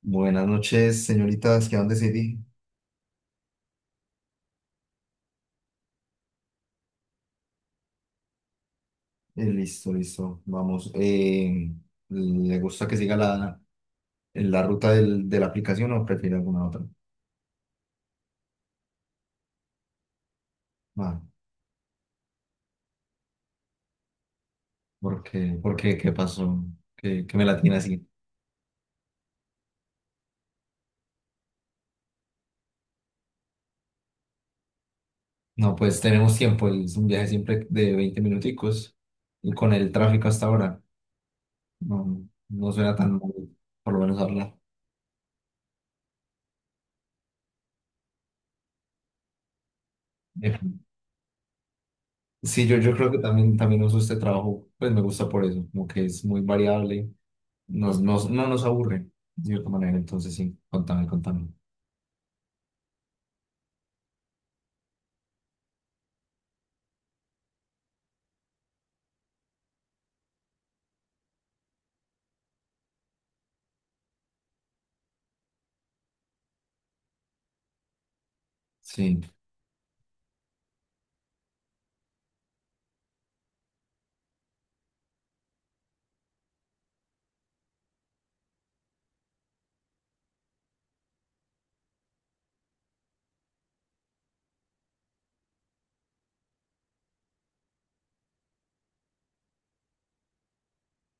Buenas noches, señoritas. ¿Qué dónde City? Listo, listo. Vamos. ¿Le gusta que siga la ruta de la aplicación o prefiere alguna otra? Ah, ¿Por qué? ¿Por qué? ¿Qué pasó? ¿Qué me la tiene así. No, pues tenemos tiempo. Es un viaje siempre de 20 minuticos. Y con el tráfico hasta ahora, no suena tan mal, por lo menos hablar. Sí, yo creo que también, uso este trabajo, pues me gusta por eso, como que es muy variable, no nos aburre de cierta manera, entonces sí, contame, contame. Sí,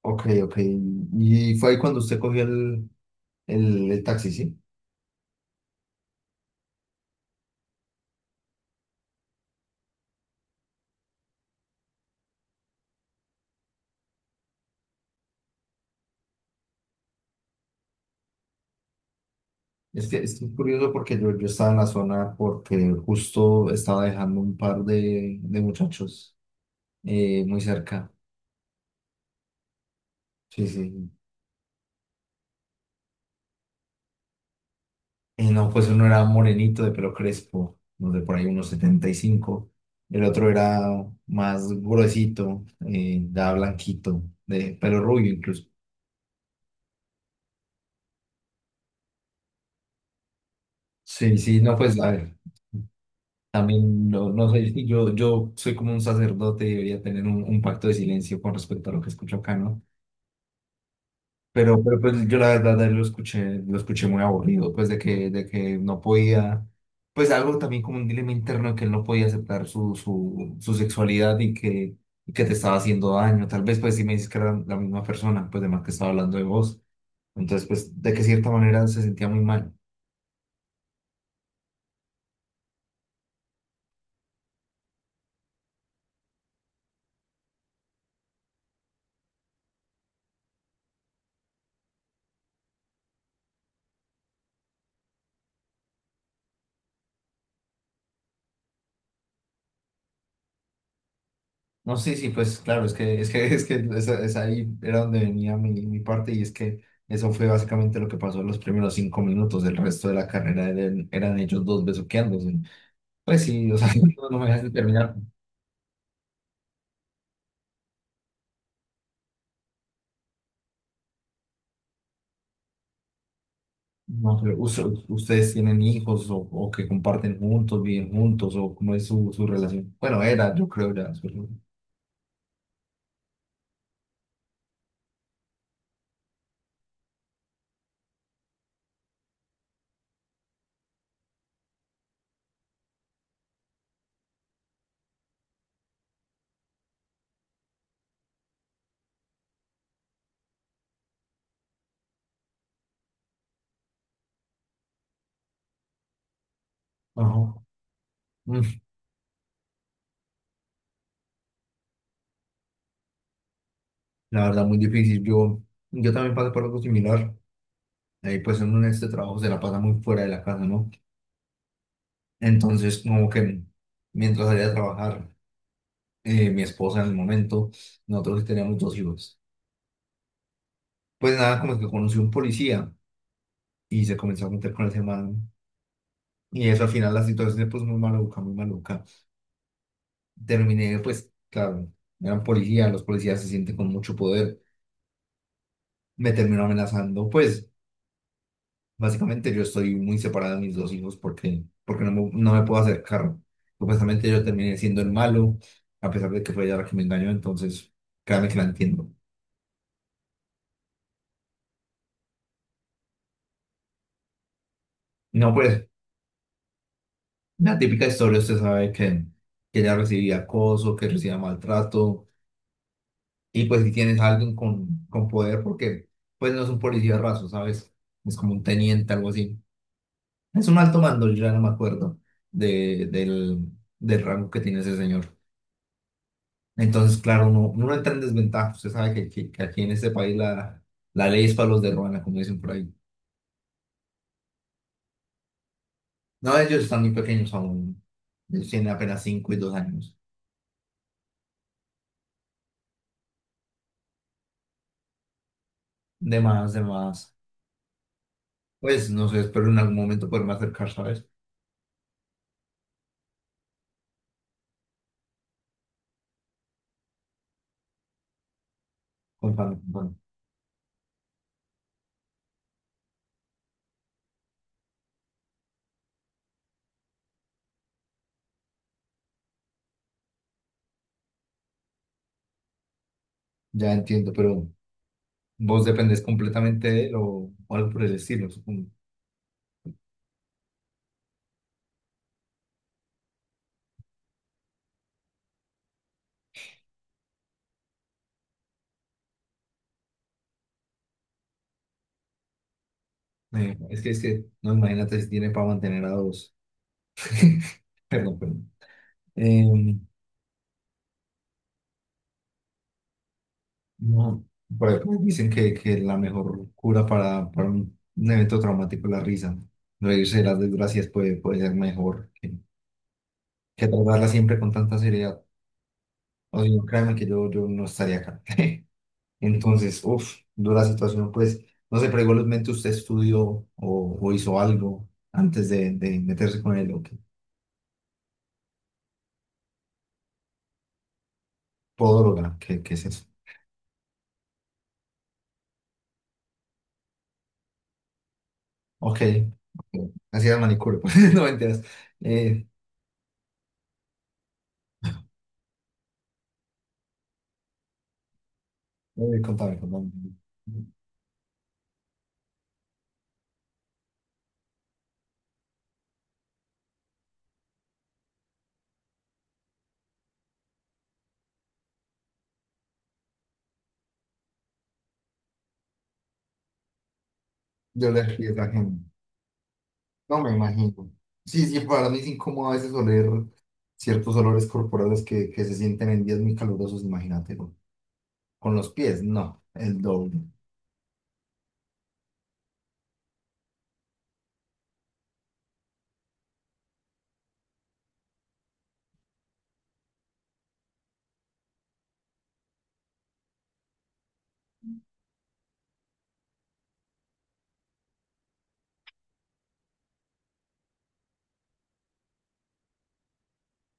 ok, ok. Y fue ahí cuando usted cogió el, taxi, ¿sí? Es curioso porque yo estaba en la zona porque justo estaba dejando un par de muchachos, muy cerca. Sí, sí. Y no, pues uno era morenito de pelo crespo, no sé, por ahí unos 75. El otro era más gruesito, ya blanquito, de pelo rubio incluso. Sí, sí, no, pues a ver, también no sé, yo soy como un sacerdote y debería tener un, pacto de silencio con respecto a lo que escucho acá, no. Pero pues yo la verdad de él lo escuché muy aburrido, pues de que no podía, pues algo también como un dilema interno de que él no podía aceptar su, sexualidad y que te estaba haciendo daño. Tal vez pues si me dices que era la misma persona, pues de más que estaba hablando de vos. Entonces pues de que cierta manera se sentía muy mal. No, sí, sí, pues claro, es que esa ahí era donde venía mi parte y es que eso fue básicamente lo que pasó en los primeros 5 minutos. El resto de la carrera eran ellos dos besuqueándose. Pues sí, o sea, no, me dejan terminar. No, pero ustedes tienen hijos o, que comparten juntos, viven juntos, o cómo es su relación. Bueno, era, yo creo ya. Su relación. Ajá. Mm. La verdad, muy difícil. Yo también pasé por algo similar. Ahí, pues uno en este trabajo se la pasa muy fuera de la casa, ¿no? Entonces, como que mientras salía a trabajar, mi esposa en el momento, nosotros sí teníamos 2 hijos. Pues nada, como que conocí un policía y se comenzó a meter con ese man. Y eso al final la situación se puso muy maluca, muy maluca. Terminé, pues, claro, eran policías, los policías se sienten con mucho poder. Me terminó amenazando, pues, básicamente yo estoy muy separado de mis 2 hijos porque, no me puedo acercar. Supuestamente yo terminé siendo el malo, a pesar de que fue ella la que me engañó, entonces, créame que la entiendo. No, pues, la típica historia, usted sabe que, ella recibía acoso, que recibía maltrato. Y pues si tienes a alguien con poder, porque pues no es un policía raso, ¿sabes? Es como un teniente, algo así. Es un alto mando, yo ya no me acuerdo de, del, del rango que tiene ese señor. Entonces, claro, uno, entra en desventaja. Usted sabe que aquí en este país la ley es para los de ruana, como dicen por ahí. No, ellos están muy pequeños aún. Ellos tienen apenas 5 y 2 años. De más, de más. Pues no sé, espero en algún momento poderme acercar, ¿sabes? Bueno, ya entiendo, pero... Vos dependés completamente de él o, algo por el estilo, supongo. No, imagínate si tiene para mantener a dos. Perdón, perdón. Em, no, por ahí dicen que, la mejor cura para, un evento traumático es la risa. Reírse de las desgracias puede ser mejor que, tratarla siempre con tanta seriedad. O si no, créeme que yo no estaría acá. Entonces, uff, dura situación, pues, no sé, pero igualmente usted estudió o, hizo algo antes de meterse con el ok, podóloga, ¿qué es eso? Ok, ok, así era el manicure, pues, no mentiras. Eh, no, Contame, contame. Yo le fui a la gente, no me imagino. Sí, sí, para mí es incómodo a veces oler ciertos olores corporales que, se sienten en días muy calurosos, imagínate, con los pies, no, el doble.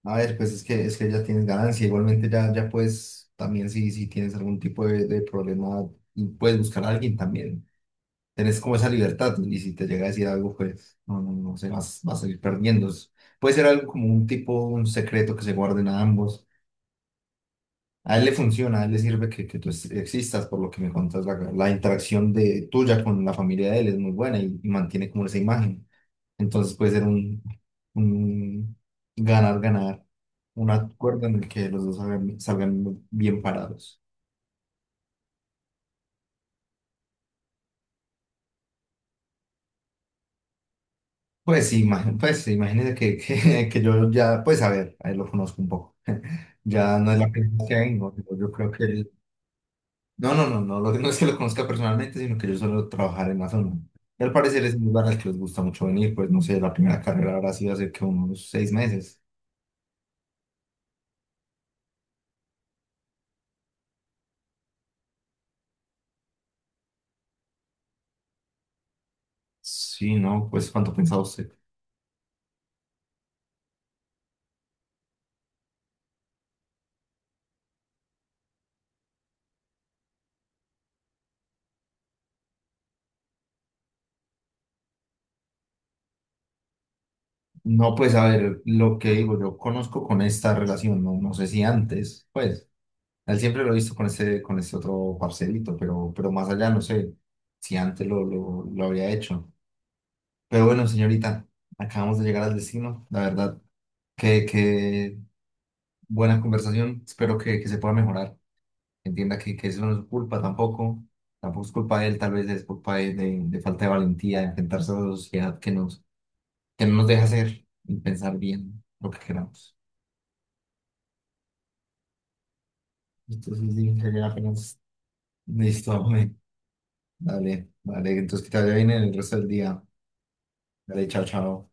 A ver, pues es que, ya tienes ganancia, igualmente ya, puedes, también si tienes algún tipo de problema, y puedes buscar a alguien también, tenés como esa libertad, ¿no? Y si te llega a decir algo, pues no, sé, vas a ir perdiendo. Puede ser algo como un tipo, un secreto que se guarden a ambos. A él le funciona, a él le sirve que, tú existas, por lo que me contas, la interacción de tuya con la familia de él es muy buena y, mantiene como esa imagen. Entonces puede ser un ganar, ganar, un acuerdo en el que los dos salgan, bien parados. Pues sí, pues sí, imagínese que yo ya, pues a ver, a él lo conozco un poco. Ya no es la primera vez que vengo, pero yo creo que él... No, no, no, no, no es que lo conozca personalmente, sino que yo suelo trabajar en la zona. Y al parecer es un lugar al que les gusta mucho venir, pues no sé, la primera carrera habrá sido hace que unos 6 meses. Sí, no, pues ¿cuánto pensaba usted? No, pues a ver, lo que digo, yo conozco con esta relación, no, sé si antes, pues, a él siempre lo he visto con ese, otro parcelito, pero más allá no sé si antes lo había hecho. Pero bueno, señorita, acabamos de llegar al destino, la verdad. Que buena conversación, espero que, se pueda mejorar. Entienda que eso no es su culpa tampoco, tampoco es culpa de él, tal vez es culpa de falta de valentía, de enfrentarse a la sociedad que no nos deja hacer y pensar bien lo que queramos. Entonces, sí, sería apenas listo, hombre. Dale, dale, entonces que te vaya bien en el resto del día. Dale, chao, chao.